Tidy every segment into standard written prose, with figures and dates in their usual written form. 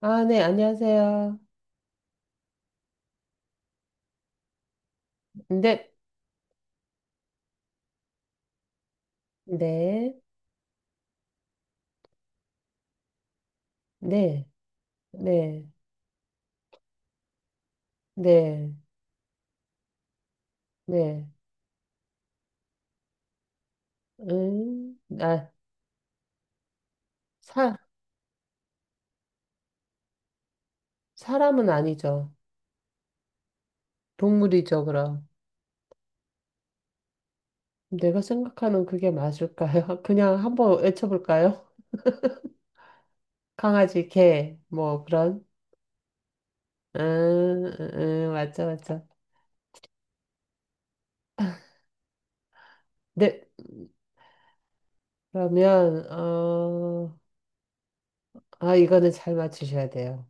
아, 네, 안녕하세요. 네, 네, 네, 네, 네, 네. 음, 아, 사, 사람은 아니죠. 동물이죠, 그럼. 내가 생각하는 그게 맞을까요? 그냥 한번 외쳐볼까요? 강아지, 개, 뭐, 그런. 맞죠, 맞죠. 네, 그러면, 이거는 잘 맞추셔야 돼요.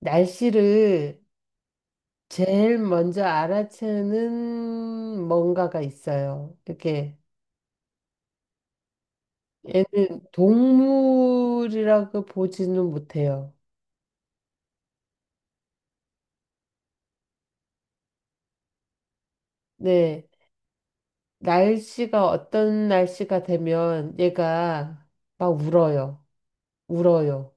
날씨를 제일 먼저 알아채는 뭔가가 있어요. 이렇게 얘는 동물이라고 보지는 못해요. 네. 날씨가 어떤 날씨가 되면 얘가 막 울어요. 울어요.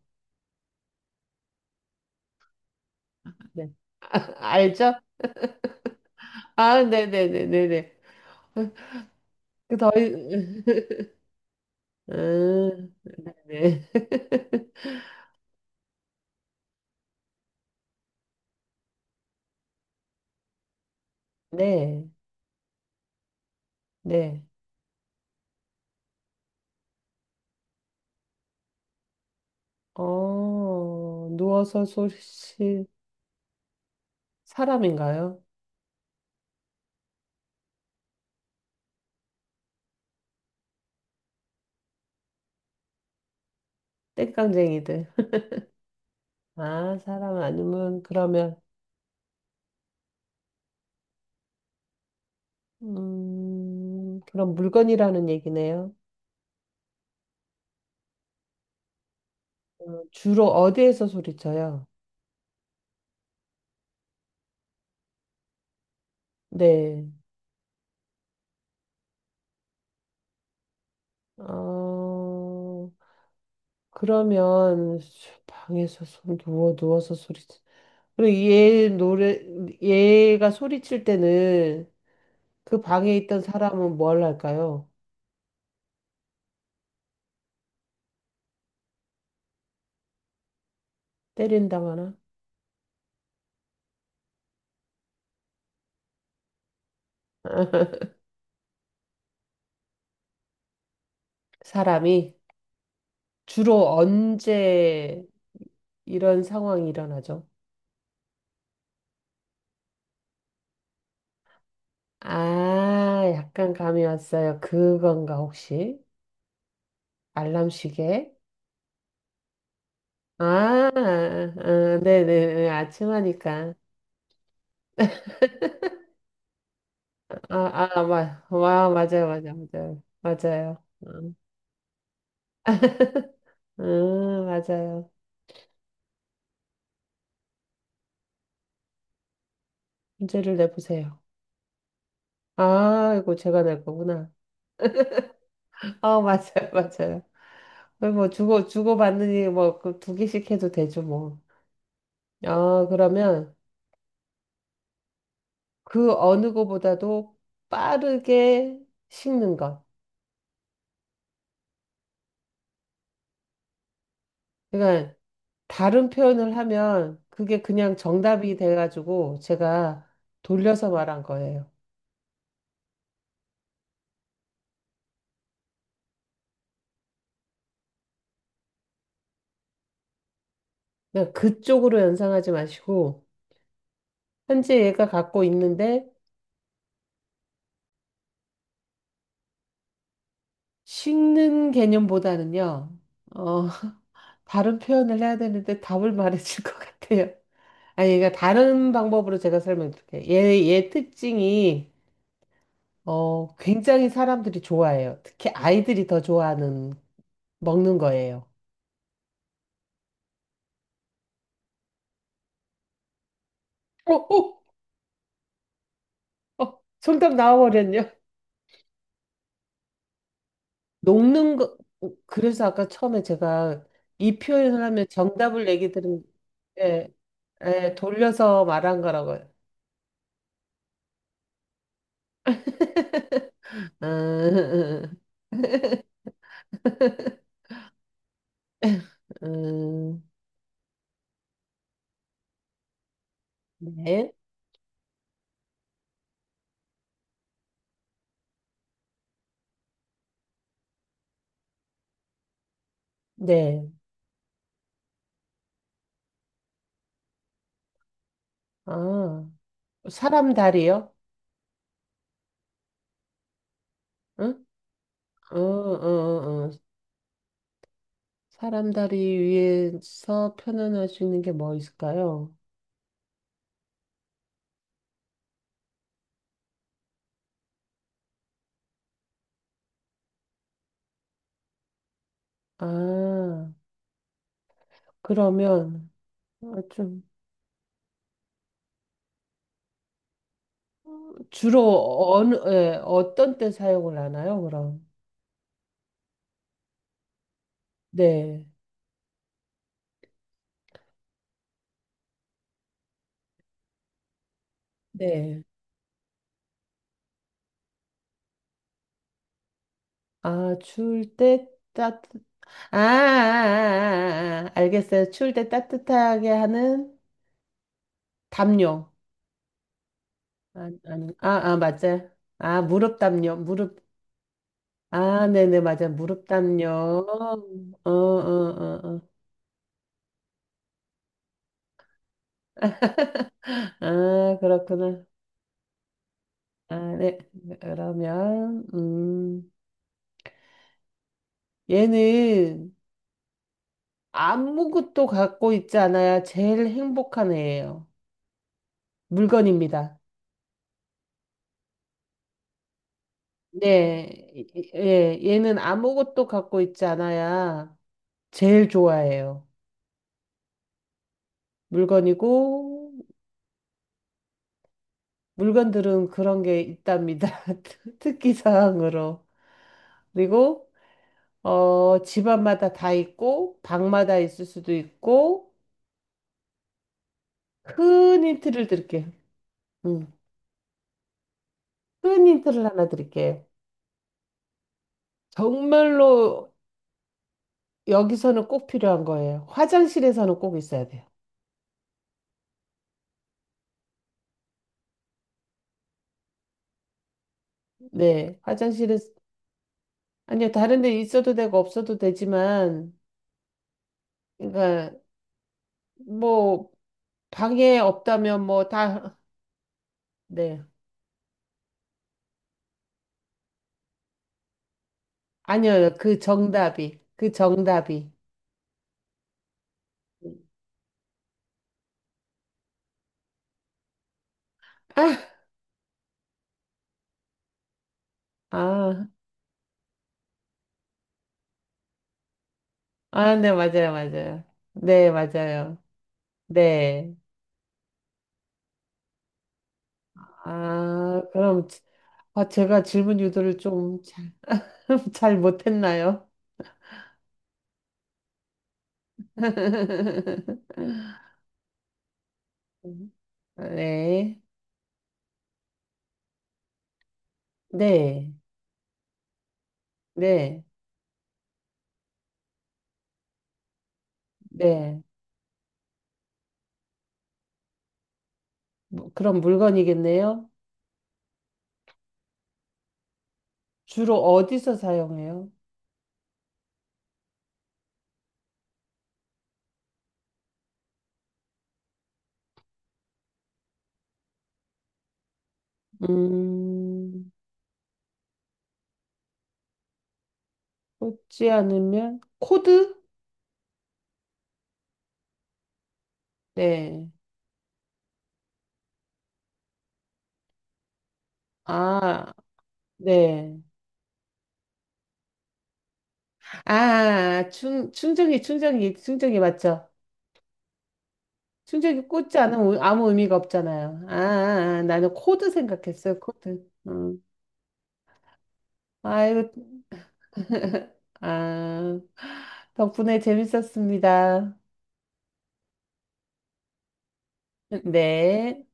네. 알죠? 아, 네네네네네. 그 더, 음, 네. 네. 네. 누워서 소리칠 사람인가요? 땡깡쟁이들. 아, 사람 아니면 그러면 그럼 물건이라는 얘기네요. 주로 어디에서 소리쳐요? 네. 어, 그러면 방에서 손 누워 누워서 소리. 그리고 얘 노래 얘가 소리칠 때는 그 방에 있던 사람은 뭘 할까요? 때린다거나? 사람이 주로 언제 이런 상황이 일어나죠? 아, 약간 감이 왔어요. 그건가, 혹시? 알람 시계? 아, 아, 아, 네네, 네, 아침 하니까. 아, 아, 와, 맞아요, 맞아요, 맞아요. 맞아요. 맞아요. 문제를 내보세요. 아이고, 제가 낼 거구나. 아, 맞아요, 맞아요. 거의 뭐, 주고받느니, 뭐, 그 두 개씩 해도 되죠, 뭐. 아, 그러면 그 어느 거보다도 빠르게 식는 것. 그러니까 다른 표현을 하면 그게 그냥 정답이 돼가지고 제가 돌려서 말한 거예요. 그쪽으로 연상하지 마시고, 현재 얘가 갖고 있는데, 식는 개념보다는요, 어, 다른 표현을 해야 되는데 답을 말해줄 것 같아요. 아니, 그러니까 다른 방법으로 제가 설명드릴게요. 얘 특징이, 굉장히 사람들이 좋아해요. 특히 아이들이 더 좋아하는, 먹는 거예요. 어, 어, 어, 정답 나와버렸네요. 녹는 거, 그래서 아까 처음에 제가 이 표현을 하면 정답을 얘기 들은, 예, 예, 돌려서 말한 거라고요. 음, 음, 네, 네. 아, 사람 다리요? 응? 어, 어, 어. 사람 다리 위에서 표현할 수 있는 게 뭐 있을까요? 아, 그러면 좀 주로 예, 어떤 때 사용을 하나요, 그럼? 네. 네. 아, 추울 때 아, 아, 아, 아, 아. 알겠어요. 추울 때 따뜻하게 하는 담요. 아, 아니, 아, 아, 맞아요. 아, 무릎 담요, 무릎. 아, 네네, 맞아요. 무릎 담요. 어, 어, 어, 어. 아, 그렇구나. 아, 네. 그러면, 얘는 아무것도 갖고 있지 않아야 제일 행복한 애예요. 물건입니다. 네, 예, 얘는 아무것도 갖고 있지 않아야 제일 좋아해요. 물건이고, 물건들은 그런 게 있답니다. 특기 사항으로. 그리고, 집안마다 다 있고, 방마다 있을 수도 있고, 큰 힌트를 드릴게요. 음, 큰 힌트를 하나 드릴게요. 정말로 여기서는 꼭 필요한 거예요. 화장실에서는 꼭 있어야 돼요. 네, 화장실에, 아니요, 다른 데 있어도 되고 없어도 되지만, 그러니까 뭐 방에 없다면 뭐 다, 네. 아니요, 그 정답이. 아, 아, 아, 네, 맞아요, 맞아요. 네, 맞아요. 네. 아, 그럼 아, 제가 질문 유도를 좀 잘 잘 못했나요? 네, 네, 네, 네. 뭐, 그럼 물건이겠네요. 주로 어디서 사용해요? 음. 꽂지 않으면 코드? 네. 아, 네. 아, 충전기, 충전기, 충전기 맞죠? 충전기 꽂지 않으면 아무 의미가 없잖아요. 아, 아, 아, 나는 코드 생각했어요, 코드. 음. 아이고, 아, 덕분에 재밌었습니다. 네.